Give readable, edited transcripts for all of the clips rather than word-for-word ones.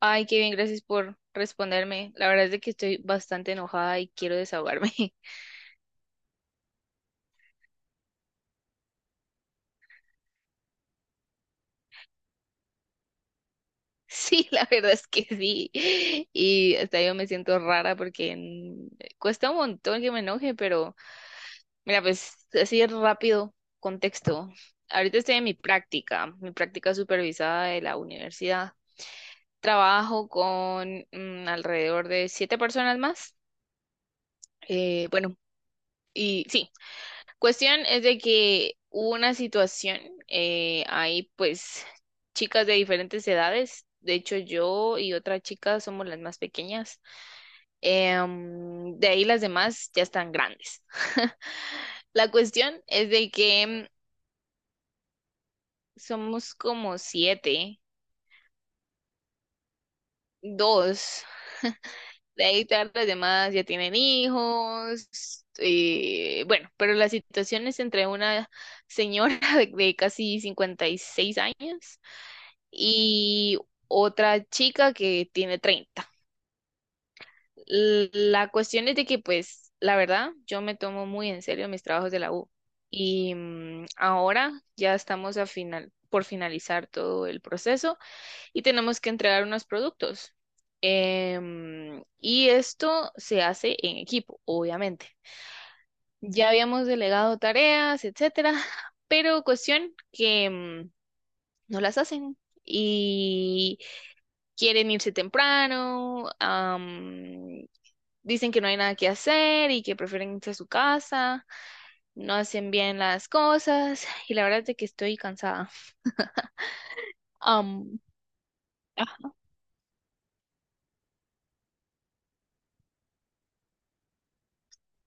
Ay, qué bien, gracias por responderme. La verdad es de que estoy bastante enojada y quiero desahogarme. Sí, la verdad es que sí. Y hasta yo me siento rara porque cuesta un montón que me enoje, pero mira, pues así rápido, contexto. Ahorita estoy en mi práctica supervisada de la universidad. Trabajo con alrededor de 7 personas más. Bueno, y sí. Cuestión es de que hubo una situación, hay pues chicas de diferentes edades, de hecho yo y otra chica somos las más pequeñas, de ahí las demás ya están grandes. La cuestión es de que somos como siete, dos, de ahí todas las demás ya tienen hijos, bueno, pero la situación es entre una señora de casi 56 años y otra chica que tiene 30. La cuestión es de que, pues, la verdad, yo me tomo muy en serio mis trabajos de la U. Y ahora ya estamos a final, por finalizar todo el proceso y tenemos que entregar unos productos. Y esto se hace en equipo, obviamente. Ya habíamos delegado tareas, etcétera, pero cuestión que no las hacen. Y quieren irse temprano, dicen que no hay nada que hacer y que prefieren irse a su casa, no hacen bien las cosas y la verdad es que estoy cansada. Am, Ah,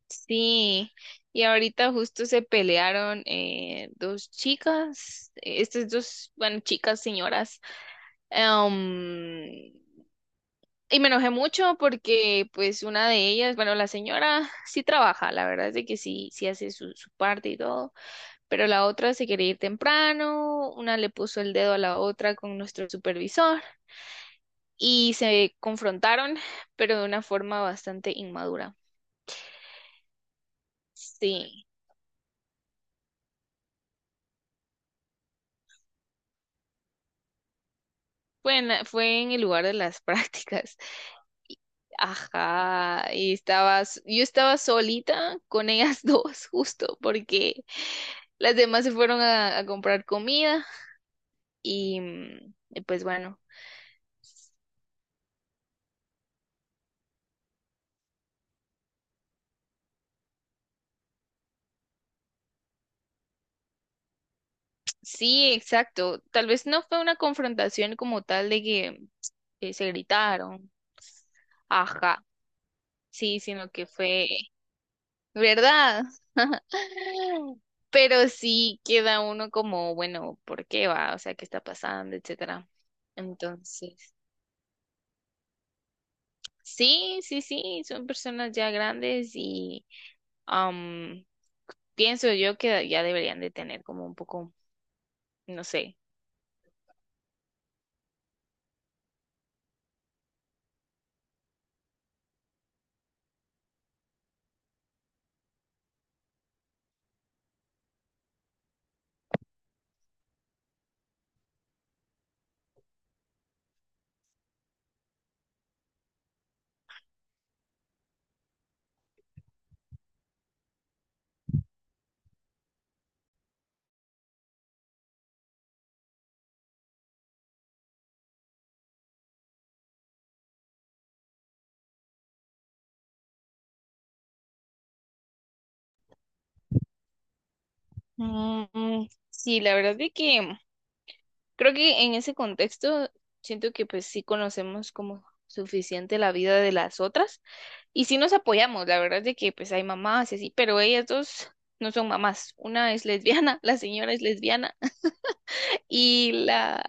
sí, y ahorita justo se pelearon dos chicas, estas dos, bueno, chicas, señoras. am, y me enojé mucho porque pues una de ellas, bueno, la señora sí trabaja, la verdad es de que sí, sí hace su parte y todo, pero la otra se quería ir temprano, una le puso el dedo a la otra con nuestro supervisor y se confrontaron, pero de una forma bastante inmadura. Sí. Fue en el lugar de las prácticas. Ajá, yo estaba solita con ellas dos, justo, porque las demás se fueron a comprar comida y, y pues bueno, sí, exacto. Tal vez no fue una confrontación como tal de que se gritaron. Ajá. Sí, sino que fue, ¿verdad? Pero sí queda uno como, bueno, ¿por qué va? O sea, ¿qué está pasando? Etcétera. Entonces, sí, sí, sí, son personas ya grandes y am, pienso yo que ya deberían de tener como un poco, no sé. Sí, la verdad es que creo que en ese contexto siento que pues sí conocemos como suficiente la vida de las otras y sí nos apoyamos, la verdad es de que pues hay mamás y así, pero ellas dos no son mamás, una es lesbiana, la señora es lesbiana y la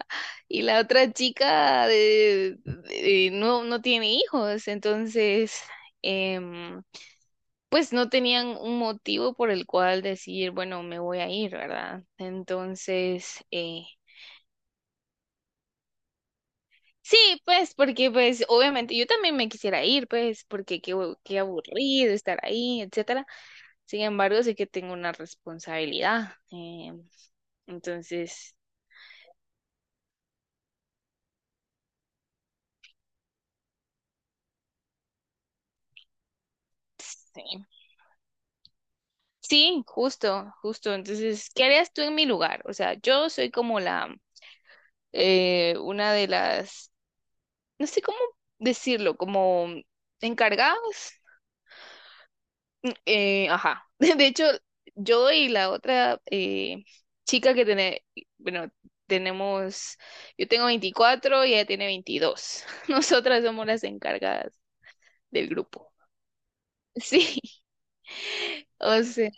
y la otra chica no tiene hijos, entonces, em, pues no tenían un motivo por el cual decir, bueno, me voy a ir, ¿verdad? Entonces, sí, pues, porque pues obviamente yo también me quisiera ir, pues, porque qué, qué aburrido estar ahí, etcétera. Sin embargo, sé que tengo una responsabilidad. Entonces, sí. Sí, justo, justo. Entonces, ¿qué harías tú en mi lugar? O sea, yo soy como la, una de las, no sé cómo decirlo, como encargadas. Ajá. De hecho, yo y la otra chica que tiene, bueno, tenemos, yo tengo 24 y ella tiene 22. Nosotras somos las encargadas del grupo. Sí, o sea,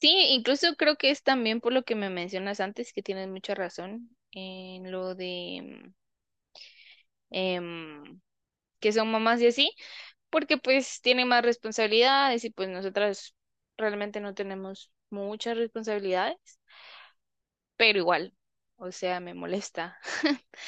sí, incluso creo que es también por lo que me mencionas antes, que tienes mucha razón en lo de em, que son mamás y así, porque pues tienen más responsabilidades y pues nosotras realmente no tenemos muchas responsabilidades. Pero igual, o sea, me molesta.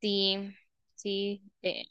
Sí, sí,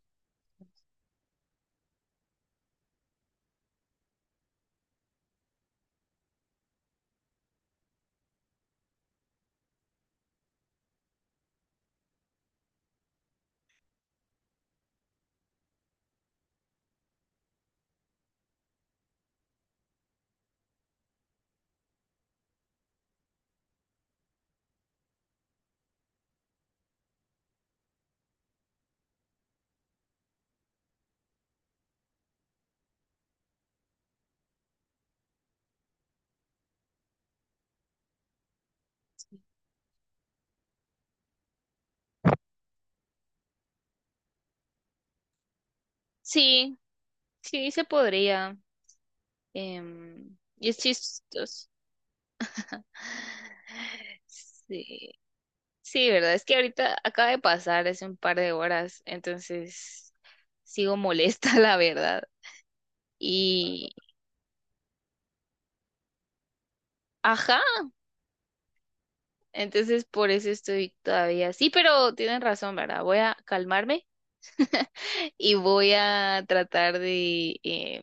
sí, sí se podría. Y es chistoso. Sí, sí, verdad, es que ahorita acaba de pasar hace un par de horas, entonces sigo molesta, la verdad. Y, ajá, entonces por eso estoy todavía. Sí, pero tienen razón, ¿verdad? Voy a calmarme y voy a tratar de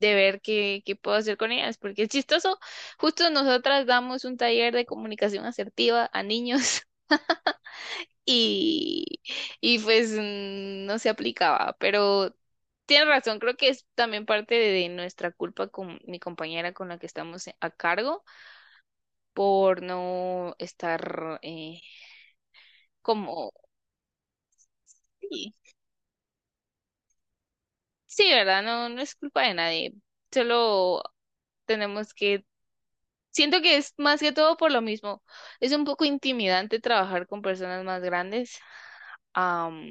de ver qué puedo hacer con ellas, porque es chistoso. Justo nosotras damos un taller de comunicación asertiva a niños y, y pues no se aplicaba, pero tienes razón, creo que es también parte de nuestra culpa con mi compañera con la que estamos a cargo por no estar como… Sí, sí, ¿verdad? No, no es culpa de nadie, solo tenemos que… Siento que es más que todo por lo mismo. Es un poco intimidante trabajar con personas más grandes. Am,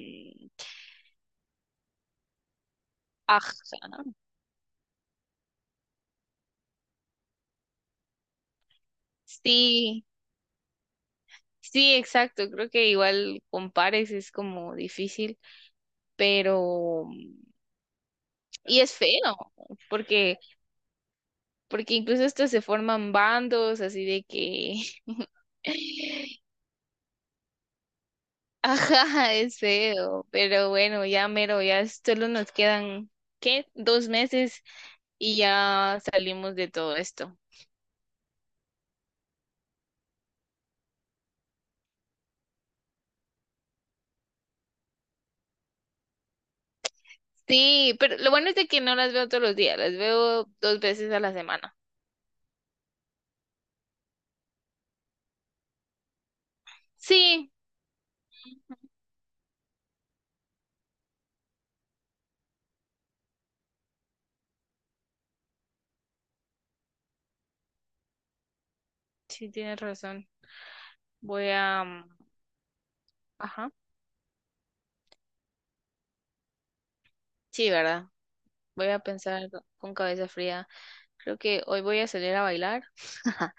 ajá. Sí, sí, exacto. Creo que igual con pares es como difícil, pero… y es feo, porque porque incluso hasta se forman bandos así de que… ajá, es feo, pero bueno, ya mero, ya solo nos quedan ¿qué? 2 meses y ya salimos de todo esto. Sí, pero lo bueno es de que no las veo todos los días, las veo 2 veces a la semana. Sí, sí, tienes razón. Voy a... ajá. Sí, ¿verdad? Voy a pensar con cabeza fría. Creo que hoy voy a salir a bailar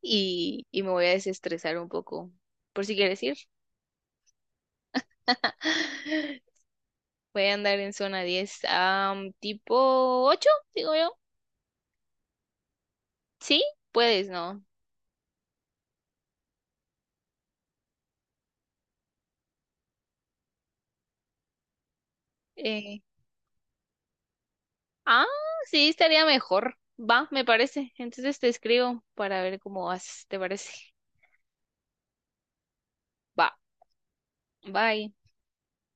y me voy a desestresar un poco, por si quieres ir. Voy a andar en zona 10, tipo 8, digo yo. Sí, puedes, ¿no? Eh, Ah, sí, estaría mejor. Va, me parece. Entonces te escribo para ver cómo vas, ¿te parece? Va, bye.